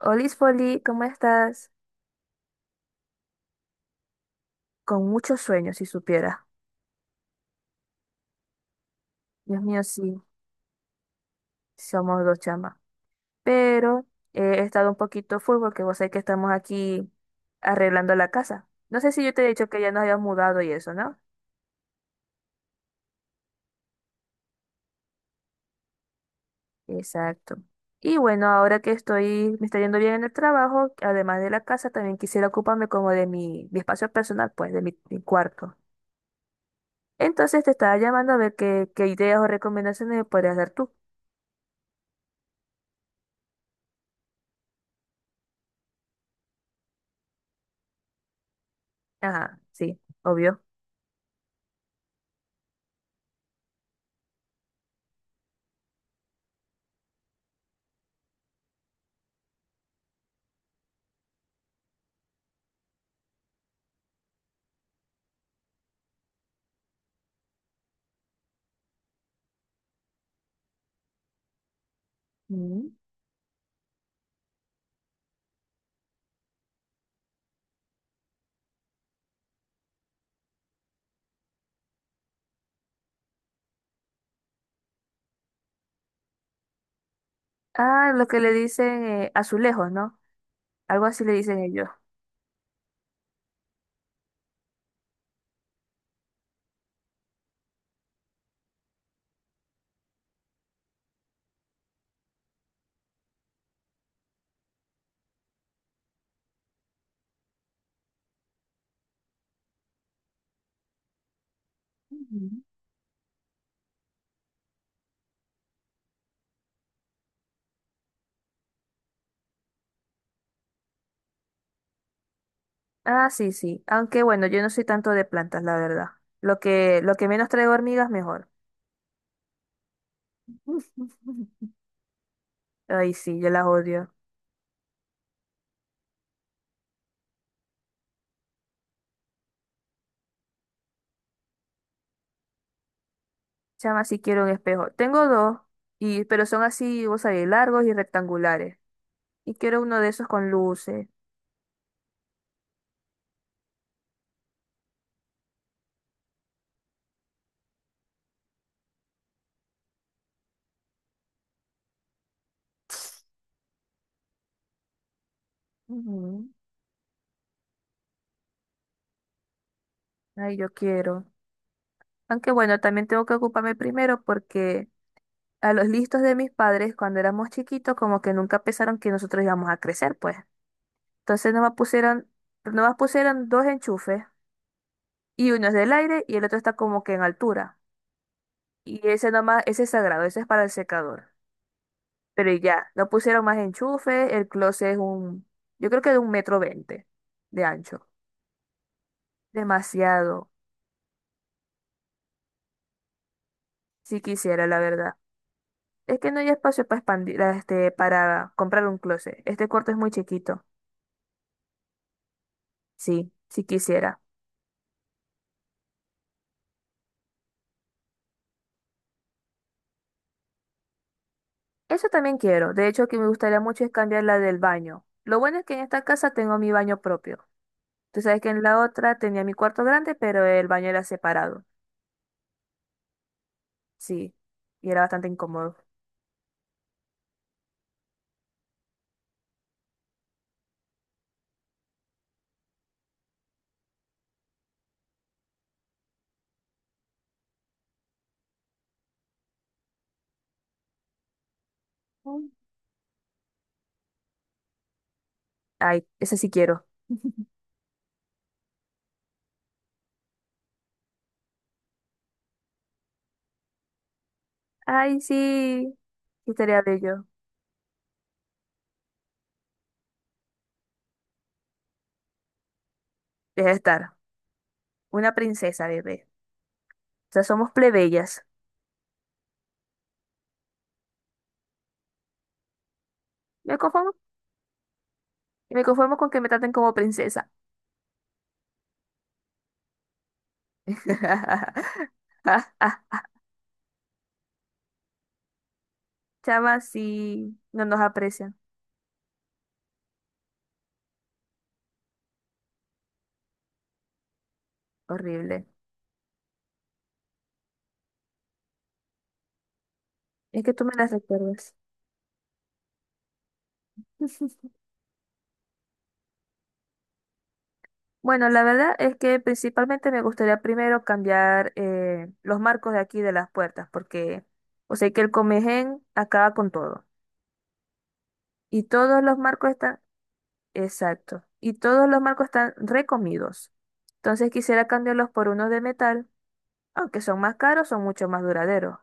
Olis Foli, ¿cómo estás? Con muchos sueños, si supiera. Dios mío, sí, somos dos chamas. Pero he estado un poquito full porque vos sabés que estamos aquí arreglando la casa. No sé si yo te he dicho que ya nos habíamos mudado y eso, ¿no? Exacto. Y bueno, ahora que estoy, me está yendo bien en el trabajo, además de la casa, también quisiera ocuparme como de mi espacio personal, pues, de mi cuarto. Entonces te estaba llamando a ver qué ideas o recomendaciones me podrías dar tú. Ajá, sí, obvio. Mm. Ah, lo que le dicen azulejos, ¿no? Algo así le dicen ellos. Ujú. Ah, sí, sí. Aunque bueno, yo no soy tanto de plantas, la verdad. Lo que menos traigo hormigas, mejor. Ay, sí, yo las odio. Chama, sí quiero un espejo. Tengo dos, y, pero son así, vos sabés, largos y rectangulares. Y quiero uno de esos con luces. Ujú. Ay, yo quiero. Aunque bueno, también tengo que ocuparme primero porque a los listos de mis padres, cuando éramos chiquitos, como que nunca pensaron que nosotros íbamos a crecer, pues. Entonces nomás pusieron, nomás pusieron dos enchufes y uno es del aire y el otro está como que en altura. Y ese nomás, ese es sagrado, ese es para el secador. Pero y ya, no pusieron más enchufes, el closet es un, yo creo que de 1,20 metros de ancho. Demasiado, si quisiera, la verdad. Es que no hay espacio para expandir, este, para comprar un closet. Este cuarto es muy chiquito. Sí, si quisiera. Eso también quiero. De hecho, que me gustaría mucho es cambiar la del baño. Lo bueno es que en esta casa tengo mi baño propio. Tú sabes que en la otra tenía mi cuarto grande, pero el baño era separado. Sí. Y era bastante incómodo. Mm. Ay, ese sí quiero. Ay, sí. ¿Qué estaría bello? Deja de estar. Una princesa, bebé. O sea, somos plebeyas. Me conformo. Y me conformo con que me traten como princesa. Chama, sí. No nos aprecian. Horrible. Es que tú me las recuerdas. Bueno, la verdad es que principalmente me gustaría primero cambiar los marcos de aquí de las puertas, porque, o sea, que el Comején acaba con todo. Y todos los marcos están, exacto, y todos los marcos están recomidos. Entonces quisiera cambiarlos por unos de metal, aunque son más caros, son mucho más duraderos.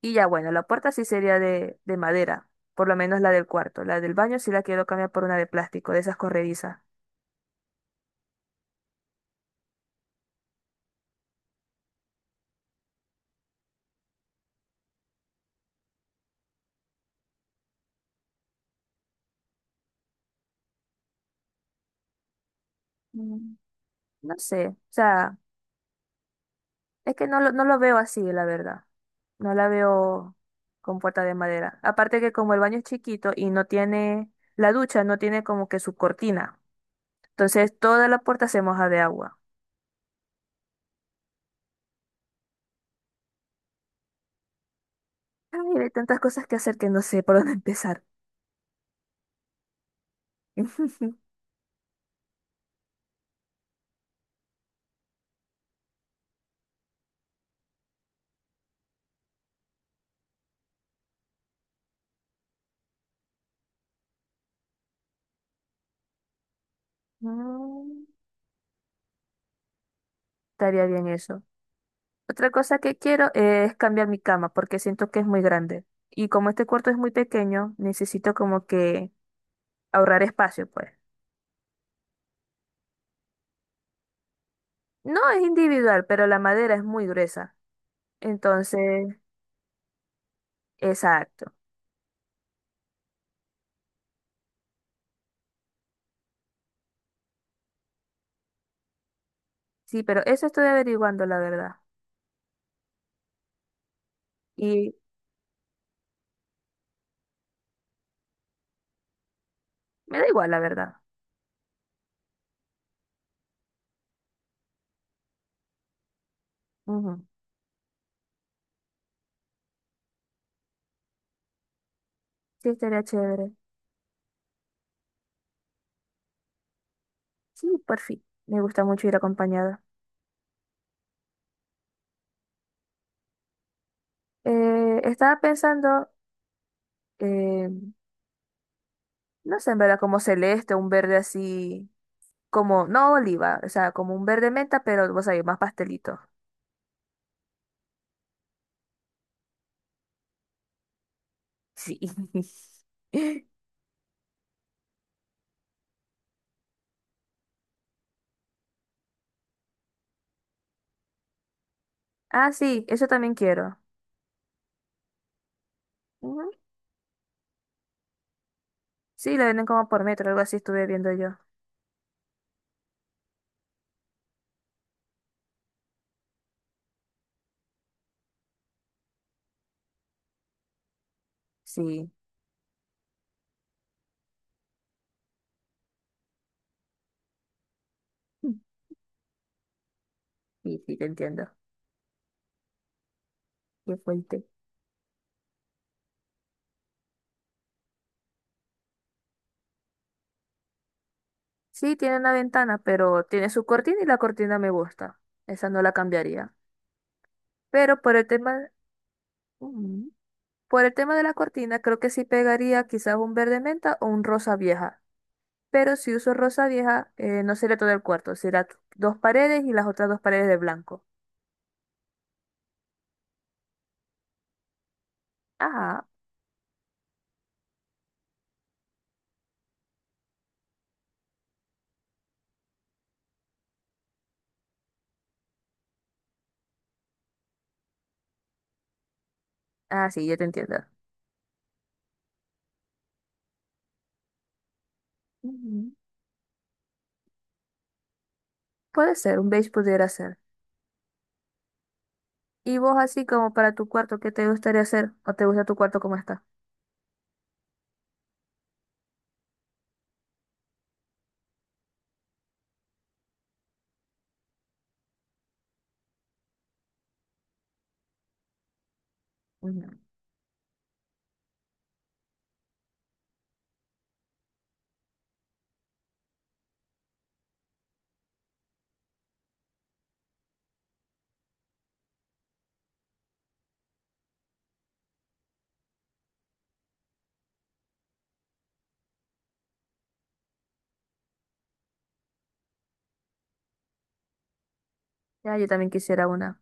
Y ya bueno, la puerta sí sería de madera, por lo menos la del cuarto. La del baño sí la quiero cambiar por una de plástico, de esas corredizas. Mm, no sé, o sea. Es que no, no lo veo así, la verdad. No la veo con puerta de madera. Aparte que como el baño es chiquito y no tiene, la ducha no tiene como que su cortina. Entonces toda la puerta se moja de agua. Ay, hay tantas cosas que hacer que no sé por dónde empezar. Mm, estaría bien eso. Otra cosa que quiero es cambiar mi cama porque siento que es muy grande. Y como este cuarto es muy pequeño, necesito como que ahorrar espacio, pues. No es individual, pero la madera es muy gruesa. Entonces, exacto. Sí, pero eso estoy averiguando, la verdad. Y me da igual, la verdad. Ujú. Sí, estaría chévere. Sí, por fin. Me gusta mucho ir acompañada. Estaba pensando, eh, no sé, en verdad, como celeste, un verde así, como, no oliva, o sea, como un verde menta, pero vos sabés, más pastelito. Sí. Ah, sí, eso también quiero. Ujú. Sí, lo venden como por metro, algo así estuve viendo yo. Sí, sí, sí, te entiendo. Qué fuerte. Sí, tiene una ventana, pero tiene su cortina y la cortina me gusta. Esa no la cambiaría. Pero por el tema, Ujú. Por el tema de la cortina, creo que sí pegaría quizás un verde menta o un rosa vieja. Pero si uso rosa vieja, no sería todo el cuarto, será dos paredes y las otras dos paredes de blanco. Ajá. Ah, sí, ya te entiendo. Ujú. Puede ser, un beige pudiera ser. Y vos así como para tu cuarto, ¿qué te gustaría hacer? ¿O te gusta tu cuarto como está? Ujú. Ya, yo también quisiera una.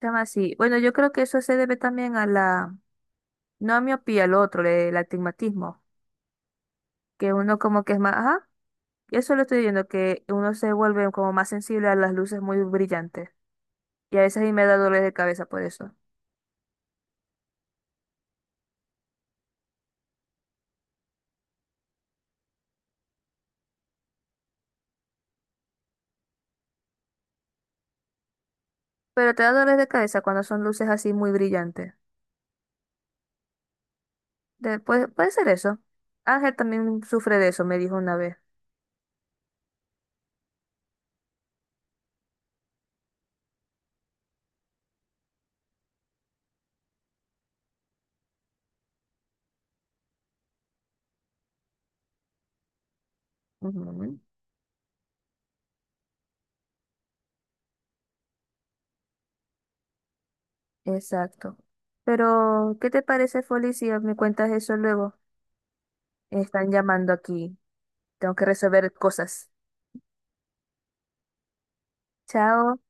Tema así. Bueno, yo creo que eso se debe también a no a miopía, al otro, el astigmatismo, que uno como que es más, ajá, eso lo estoy viendo, que uno se vuelve como más sensible a las luces muy brillantes. Y a veces a mí me da dolores de cabeza por eso. Pero te da dolores de cabeza cuando son luces así muy brillantes. Después, puede ser eso. Ángel también sufre de eso, me dijo una vez. Ujú, exacto. Pero, ¿qué te parece, Foli, si me cuentas eso luego? Están llamando aquí. Tengo que resolver cosas. Chao.